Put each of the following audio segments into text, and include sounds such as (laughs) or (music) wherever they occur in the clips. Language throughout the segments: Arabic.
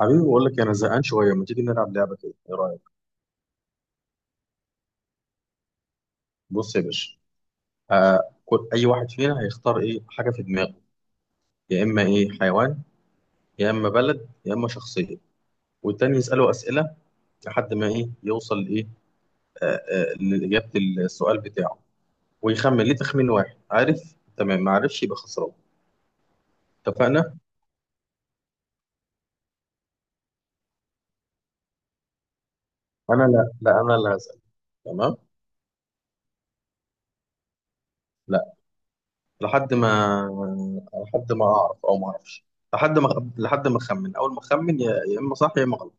حبيبي بقول لك انا زهقان شويه، ما تيجي نلعب لعبه كده؟ ايه رايك؟ بص يا باشا، آه كل اي واحد فينا هيختار ايه حاجه في دماغه، يا اما ايه حيوان، يا اما بلد، يا اما شخصيه، والتاني يساله اسئله لحد ما ايه يوصل ايه لاجابه السؤال بتاعه، ويخمن ليه تخمين واحد. عارف؟ تمام، ما عرفش يبقى خسران. اتفقنا. انا لا، انا اللي هسال. تمام. لا. لحد ما لحد ما اعرف او ما اعرفش، لحد ما، لحد ما اخمن. اول ما اخمن يا اما صح يا اما غلط.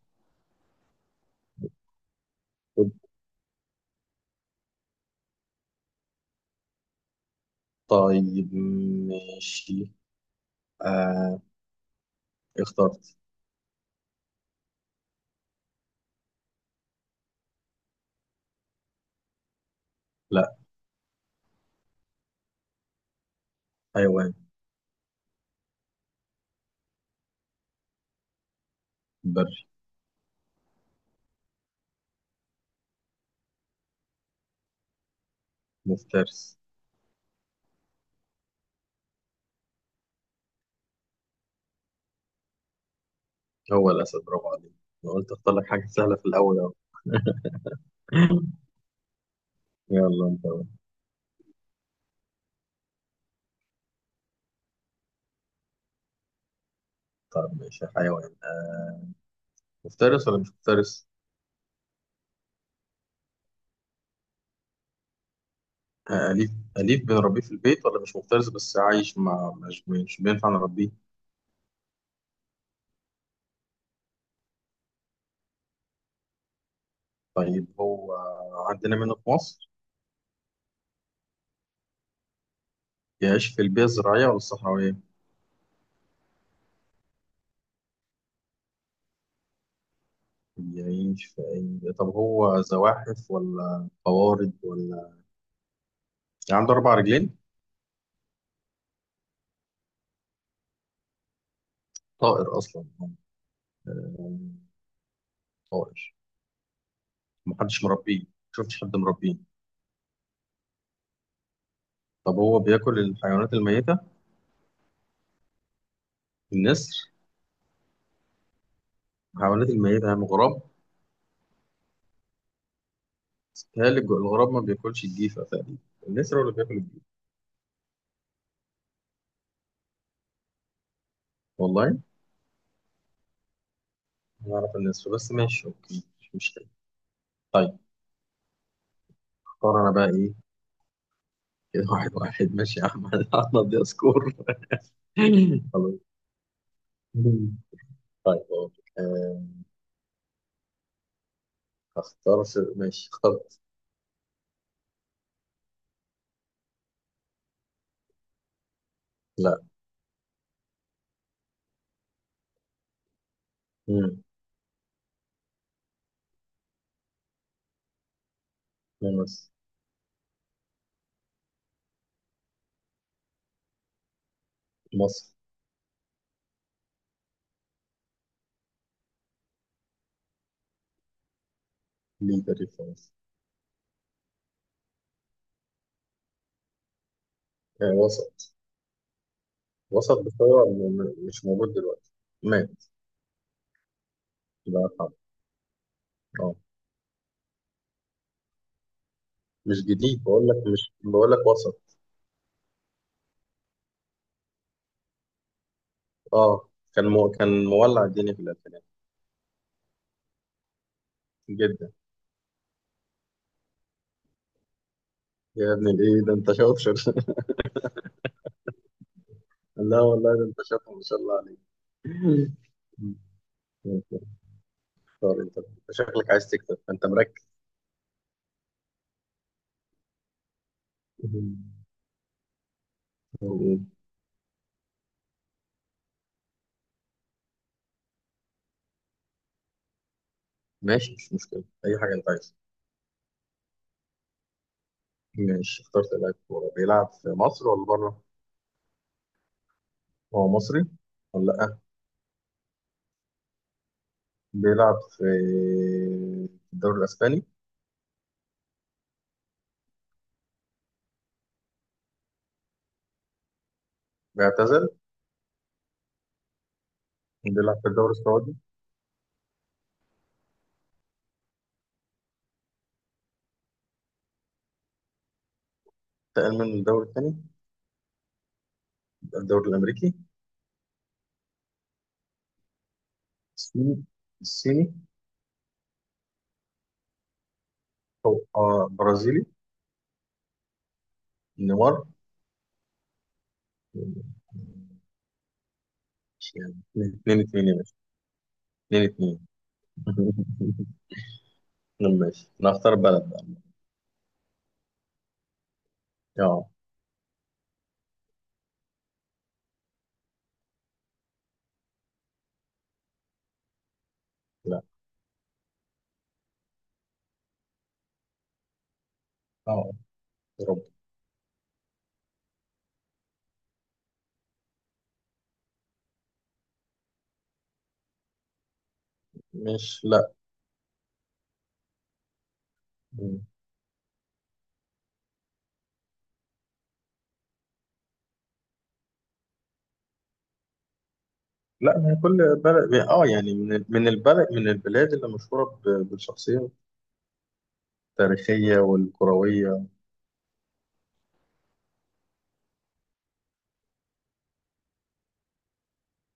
طيب، ماشي، آه، اخترت. لا. حيوان بري مفترس. هو الأسد؟ برافو عليك، أنا قلت أختار لك حاجة سهلة في الأول أهو. (laughs) يلا أنت بقى. طيب ماشي، حيوان، آه، مفترس ولا مش مفترس؟ آه أليف، أليف بنربيه في البيت، ولا مش مفترس بس عايش مع مش بينفع نربيه؟ طيب هو عندنا منه في مصر؟ يعيش في البيئة الزراعية ولا الصحراوية؟ يعيش في أي، طب هو زواحف ولا قوارض ولا، يعني عنده أربع رجلين؟ طائر اصلا هو؟ طائر، محدش مربيه، شفتش حد مربيه. طب هو بياكل الحيوانات الميته؟ النسر؟ الحيوانات الميته يعني غراب؟ بيتهيألي الغراب ما بياكلش الجيفه تقريبا، النسر هو اللي بياكل الجيفه. والله؟ أنا اعرف النسر، بس ماشي اوكي مش مشكله. طيب، اختار انا بقى ايه. كده (laughs) واحد واحد. ماشي يا احمد. (laughs) احمد دي سكور. (laughs) خلاص. طيب أقول لك. آه، اختار ماشي، اخترت. لا. مم. مصر. مصر. ليه تاريخ في مصر. آه، وسط. وسط بس هو مش موجود دلوقتي، مات، الله يرحمه. اه مش جديد، بقول لك مش، بقول لك وسط. اه كان كان مولع الدنيا في الألفينات. جدا. يا ابن الايه ده، انت شاطر. (laughs) لا والله ده انت شاطر، ما شاء الله عليك. (laughs) طار. انت أنت شكلك عايز تكتب، انت مركز. (laughs) ماشي مش مشكلة، أي حاجة أنت عايزها. ماشي، اخترت لاعب كورة. بيلعب في مصر ولا بره؟ هو مصري ولا لأ؟ بيلعب في الدوري الأسباني؟ بيعتزل؟ بيلعب في الدوري السعودي؟ انتقل من الدوري الثاني. الدوري الامريكي؟ الصيني؟ الصيني؟ او آه برازيلي. نيمار. ماشي يعني، 2-2 يا باشا، 2-2. (laughs) ماشي، انا هختار بلد بقى. اه. لا. اه، يا رب. مش، لا. لا ما هي كل بلد، اه يعني، من البلد، من البلاد اللي مشهوره بالشخصيه التاريخيه والكرويه.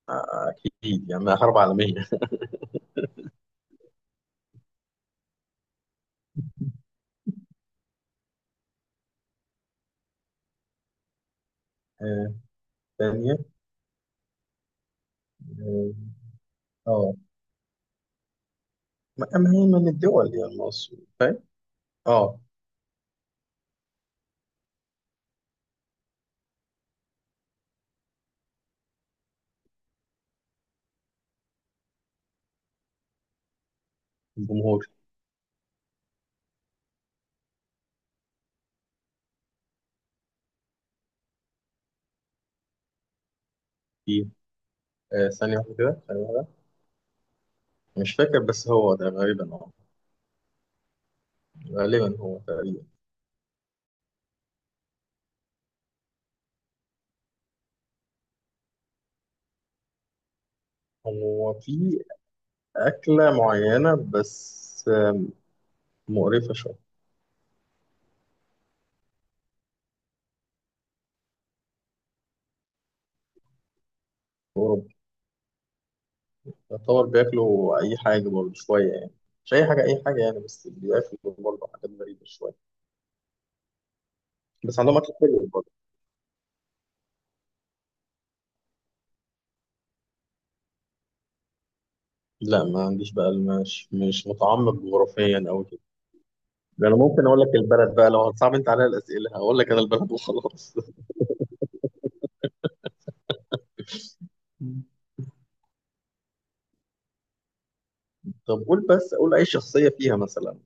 آه، اكيد يعني، حرب عالميه. آه، ثانيه. اه. آه. ما هي من الدول، يعني مصر فاهم. اه. الجمهور. في، آه ثانية واحدة كده، ثانية واحدة. مش فاكر، بس هو ده غالبا، اه، غالبا، هو تقريبا. هو في أكلة معينة بس، آه، مقرفة شوية. في أوروبا، يعتبر بياكلوا أي حاجة برضه شوية يعني، مش أي حاجة أي حاجة يعني، بس بياكلوا برضه حاجات غريبة شوية. بس عندهم أكل حلو برضه. لا ما عنديش بقى، مش مش متعمق جغرافيا أوي كده. ده أنا ممكن أقول لك البلد بقى، لو هتصعب أنت عليا الأسئلة هقول لك أنا البلد وخلاص. (laughs) طب قول بس، قول أي شخصية فيها مثلا،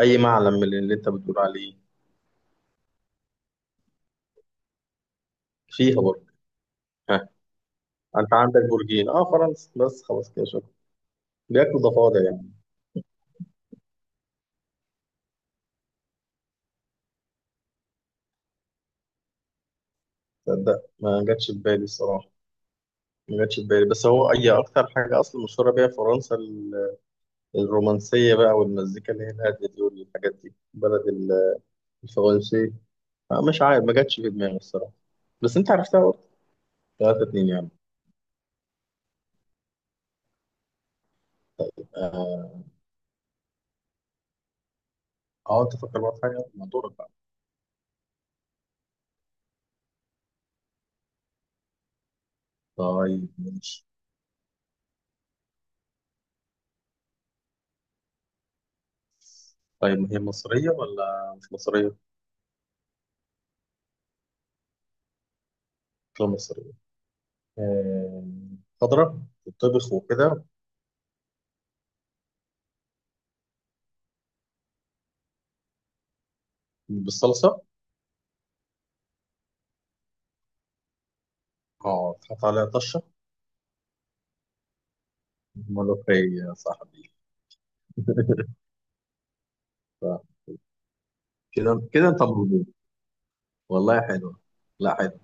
أي معلم من اللي أنت بتقول عليه. فيها برج. ها؟ أنت عندك برجين. أه فرنسا، بس خلاص كده، شكرا. بياكلوا ضفادع يعني. تصدق ما جاتش في بالي الصراحة، ما جاتش في بالي، بس هو أي أكتر حاجة أصلا مشهورة بيها فرنسا الرومانسية بقى، والمزيكا اللي هي الهادية دي والحاجات دي، بلد الفرنسي. آه، مش عارف، ما جاتش في دماغي الصراحة. بس أنت عرفتها برضه. 3-2 يعني. أه. آه، أنت فكر بقى في حاجة، ما دورك بقى. طيب ماشي. طيب ما هي مصرية ولا مش مصرية؟ لا مصرية. آه، خضرة، تطبخ وكده. بالصلصة. اه تحط عليها طشة. ملوخية يا صاحبي. (laughs) ف- كده كده انت مظبوط، والله حلوة، لا حلو،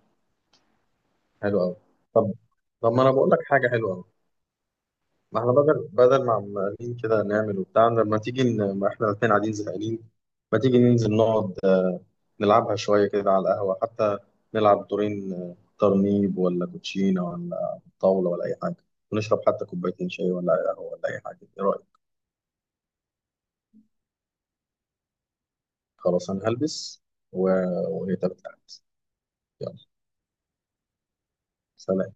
حلو قوي. طب، طب ما انا بقول لك حاجة حلوة قوي. ما احنا بدل ما عمالين كده نعمل وبتاع، لما تيجي ما احنا الاثنين قاعدين زهقانين، ما تيجي ننزل نقعد نلعبها شوية كده على القهوة حتى، نلعب دورين، آه، ترنيب ولا كوتشينة ولا طاولة ولا أي حاجة، ونشرب حتى كوبايتين شاي ولا قهوة ولا أي حاجة، إيه رأيك؟ خلاص أنا هلبس و... وهي 3 ساعات. يلا. سلام.